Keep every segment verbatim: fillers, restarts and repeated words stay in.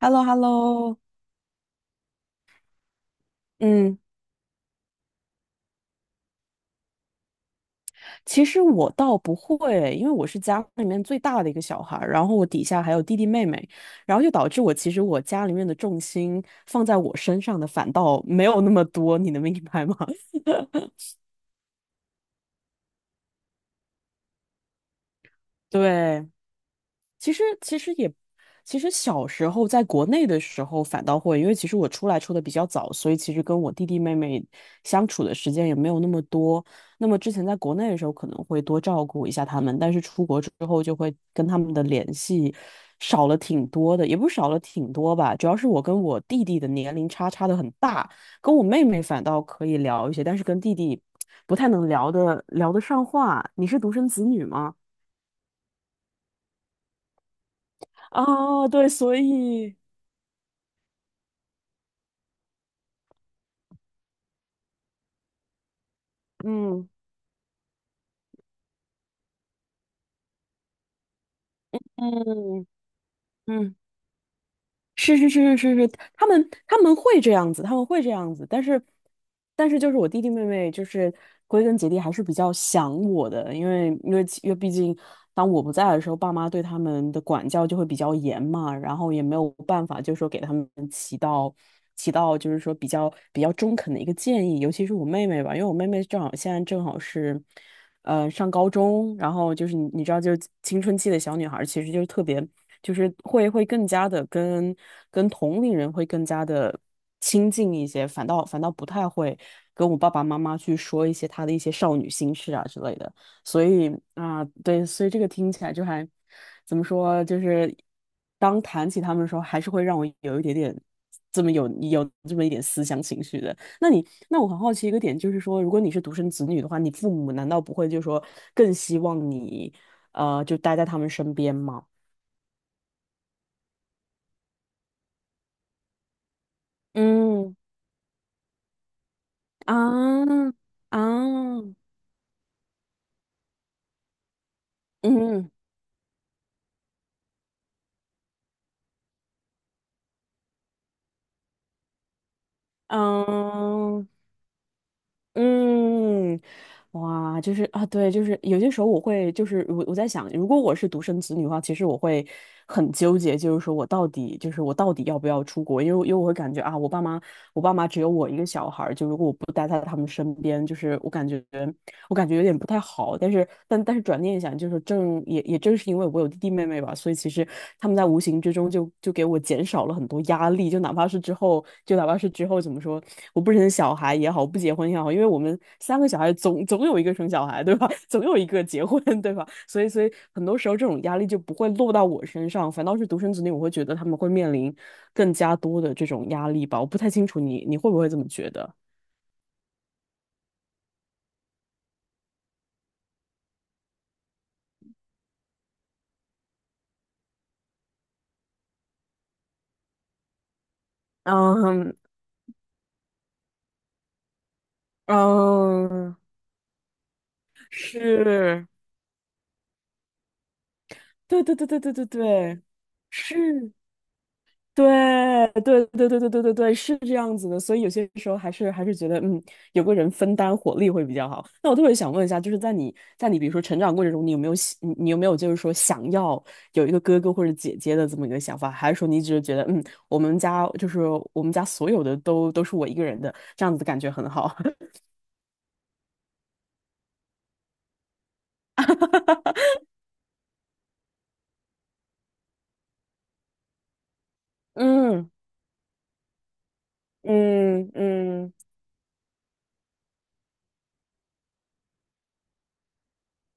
h e l l o h e l l o 嗯，其实我倒不会，因为我是家里面最大的一个小孩儿，然后我底下还有弟弟妹妹，然后就导致我其实我家里面的重心放在我身上的反倒没有那么多，你能明白吗？对，其实其实也，其实小时候在国内的时候反倒会，因为其实我出来出的比较早，所以其实跟我弟弟妹妹相处的时间也没有那么多。那么之前在国内的时候可能会多照顾一下他们，但是出国之后就会跟他们的联系少了挺多的，也不是少了挺多吧，主要是我跟我弟弟的年龄差差的很大，跟我妹妹反倒可以聊一些，但是跟弟弟不太能聊的聊得上话。你是独生子女吗？啊，对，所以。嗯嗯嗯，是是是是是是，他们他们会这样子，他们会这样子，但是但是就是我弟弟妹妹，就是归根结底还是比较想我的，因为因为其因为毕竟当我不在的时候，爸妈对他们的管教就会比较严嘛，然后也没有办法，就是说给他们起到起到就是说比较比较中肯的一个建议，尤其是我妹妹吧，因为我妹妹正好现在正好是。呃，上高中，然后就是你你知道，就是青春期的小女孩其实就是特别，就是会会更加的跟跟同龄人会更加的亲近一些，反倒反倒不太会跟我爸爸妈妈去说一些她的一些少女心事啊之类的，所以啊，对，所以这个听起来就还怎么说，就是当谈起他们的时候，还是会让我有一点点这么有有这么一点思乡情绪的。那你，那我很好奇一个点，就是说，如果你是独生子女的话，你父母难道不会就是说更希望你，呃，就待在他们身边吗？嗯啊啊啊嗯。啊。嗯，哇，就是啊，对，就是有些时候我会，就是我我在想，如果我是独生子女的话，其实我会很纠结，就是说我到底，就是我到底要不要出国？因为因为我会感觉啊，我爸妈，我爸妈只有我一个小孩儿，就如果我不待在他们身边，就是我感觉。我感觉有点不太好，但是但但是转念一想，就是正也也正是因为我有弟弟妹妹吧，所以其实他们在无形之中就就给我减少了很多压力，就哪怕是之后，就哪怕是之后怎么说，我不生小孩也好，不结婚也好，因为我们三个小孩总总有一个生小孩，对吧？总有一个结婚，对吧？所以所以很多时候这种压力就不会落到我身上，反倒是独生子女，我会觉得他们会面临更加多的这种压力吧。我不太清楚你你会不会这么觉得？嗯嗯。是，对对对对对对对，是，对对对对对对对对，是这样子的。所以有些时候还是还是觉得，嗯，有个人分担火力会比较好。那我特别想问一下，就是在你在你比如说成长过程中，你有没有喜你你有没有就是说想要有一个哥哥或者姐姐的这么一个想法，还是说你只是觉得，嗯，我们家就是我们家所有的都都是我一个人的，这样子的感觉很好。嗯嗯嗯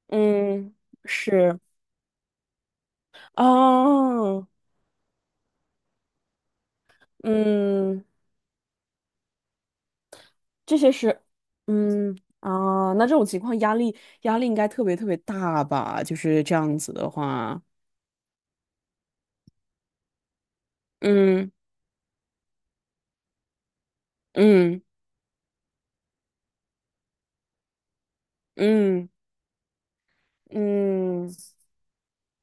嗯，是。哦，嗯，这些是，嗯啊，那这种情况压力压力应该特别特别大吧？就是这样子的话，嗯嗯嗯嗯，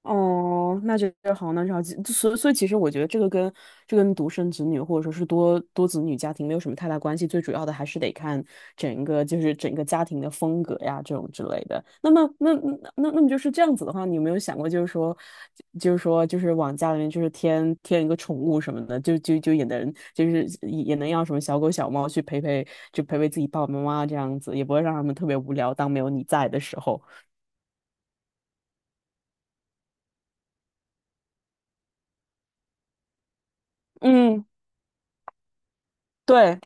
哦，那这个好，那就好，就所以所以其实我觉得这个跟这跟独生子女或者说是多多子女家庭没有什么太大关系，最主要的还是得看整个就是整个家庭的风格呀这种之类的。那么那那那那么就是这样子的话，你有没有想过就是说就是说就是往家里面就是添添一个宠物什么的，就就就也能就是也能要什么小狗小猫去陪陪就陪陪自己爸爸妈妈这样子，也不会让他们特别无聊，当没有你在的时候。嗯，对。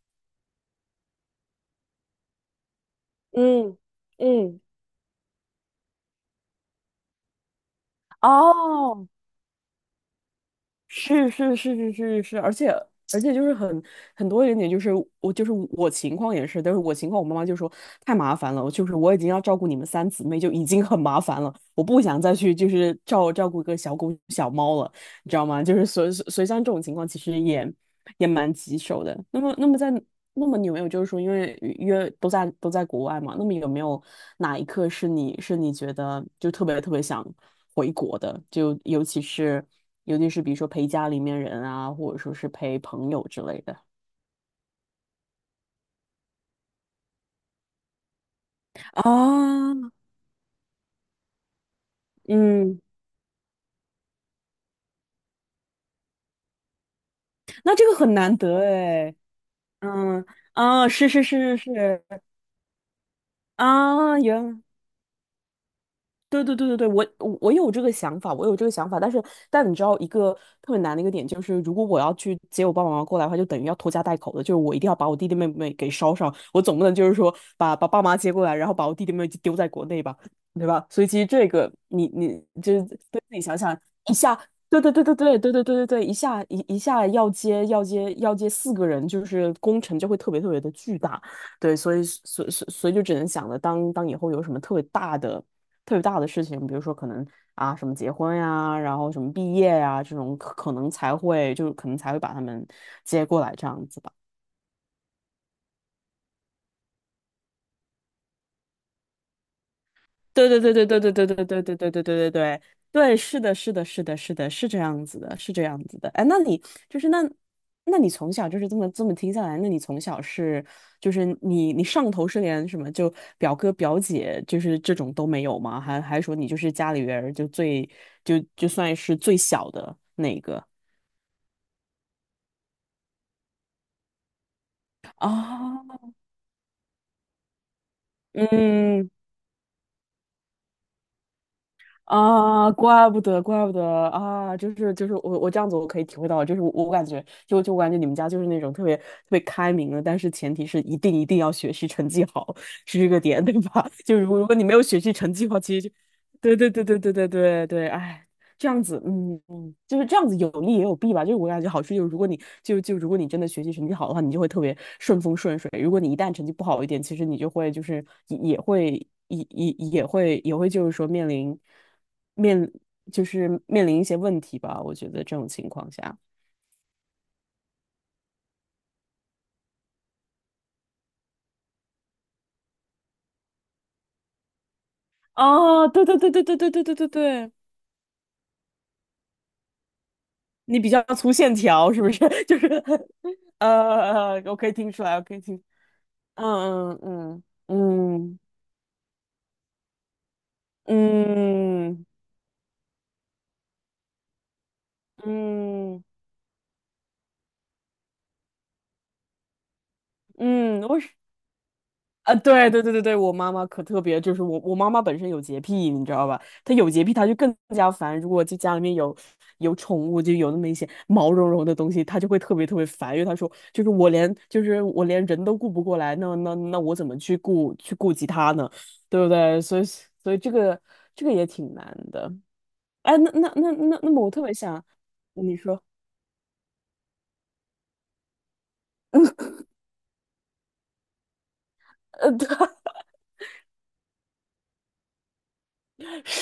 嗯嗯。哦，是是是是是是，而且而且就是很很多一点点，就是我就是我情况也是，但是我情况我妈妈就说太麻烦了，我就是我已经要照顾你们三姊妹就已经很麻烦了，我不想再去就是照照顾一个小狗小猫了，你知道吗？就是所以所以像这种情况其实也也蛮棘手的。那么那么在那么你有没有就是说，因为约都在都在国外嘛，那么有没有哪一刻是你是你觉得就特别特别想回国的？就尤其是尤其是比如说陪家里面人啊，或者说是陪朋友之类的。啊，嗯，那这个很难得哎，嗯，啊，是是是是是，啊，原对对对对对，我我我有这个想法，我有这个想法，但是但你知道一个特别难的一个点就是，如果我要去接我爸爸妈妈过来的话，就等于要拖家带口的，就是我一定要把我弟弟妹妹给捎上，我总不能就是说把把爸妈接过来，然后把我弟弟妹妹就丢在国内吧，对吧？所以其实这个你你就是对自己想想一下，对对对对对对对对对对，一下一一下要接要接要接四个人，就是工程就会特别特别的巨大，对，所以所所所以就只能想着当当以后有什么特别大的。特别大的事情，比如说可能啊什么结婚呀，然后什么毕业呀这种可，可能才会就可能才会把他们接过来这样子吧。对对对对对对对对对对对对对对对对，是的，是的，是的，是的，是这样子的，是这样子的。哎，那你就是那，那你从小就是这么这么听下来，那你从小是就是你你上头是连什么就表哥表姐就是这种都没有吗？还还说你就是家里边儿就最就就算是最小的那一个啊？嗯啊，怪不得，怪不得啊，就是就是我我这样子我可以体会到，就是我我感觉就就我感觉你们家就是那种特别特别开明的，但是前提是一定一定要学习成绩好，是这个点对吧？就如果如果你没有学习成绩的话，其实就对对对对对对对对，哎，这样子，嗯嗯，就是这样子有利也有弊吧。就是我感觉好处就是，如果你就就如果你真的学习成绩好的话，你就会特别顺风顺水；如果你一旦成绩不好一点，其实你就会就是也也会也也也会也会就是说面临面就是面临一些问题吧。我觉得这种情况下，啊，对对对对对对对对对对，你比较粗线条是不是？就是呃，我可以听出来，我可以听，嗯嗯嗯嗯嗯嗯。嗯嗯，我是啊，对对对对对，我妈妈可特别，就是我我妈妈本身有洁癖，你知道吧？她有洁癖，她就更加烦。如果就家里面有有宠物，就有那么一些毛茸茸的东西，她就会特别特别烦，因为她说就是我连就是我连人都顾不过来，那那那我怎么去顾去顾及它呢？对不对？所以所以这个这个也挺难的。哎，那那那那那么我特别想你说，呃，对。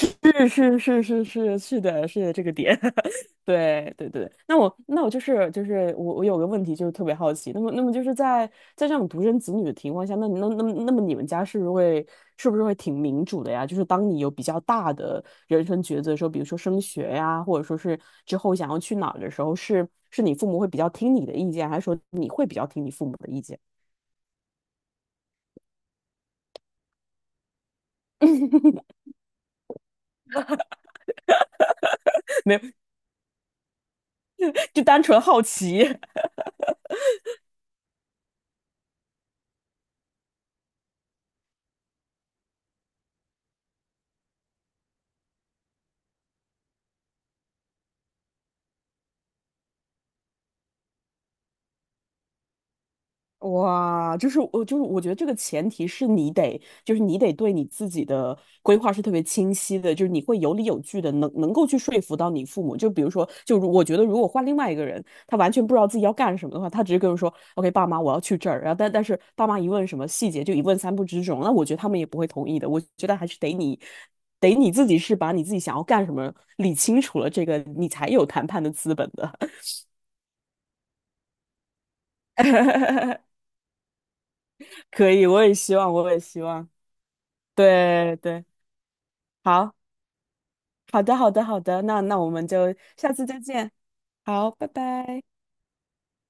是是是是是是的，是的这个点，对对对。那我那我就是就是我我有个问题，就是特别好奇。那么那么就是在在这种独生子女的情况下，那你那那么那么你们家是不是会是不是会挺民主的呀？就是当你有比较大的人生抉择的时候，比如说升学呀，或者说是之后想要去哪儿的时候，是是你父母会比较听你的意见，还是说你会比较听你父母的意见？没有，就单纯好奇。哇，就是我，就是我觉得这个前提是你得，就是你得对你自己的规划是特别清晰的，就是你会有理有据的，能能够去说服到你父母。就比如说，就如我觉得如果换另外一个人，他完全不知道自己要干什么的话，他直接跟我说："OK,爸妈，我要去这儿。"然后但但是爸妈一问什么细节，就一问三不知这种，那我觉得他们也不会同意的。我觉得还是得你，得你自己是把你自己想要干什么理清楚了，这个你才有谈判的资本的。可以，我也希望，我也希望，对对。好，好的，好的，好的，那那我们就下次再见。好，拜拜。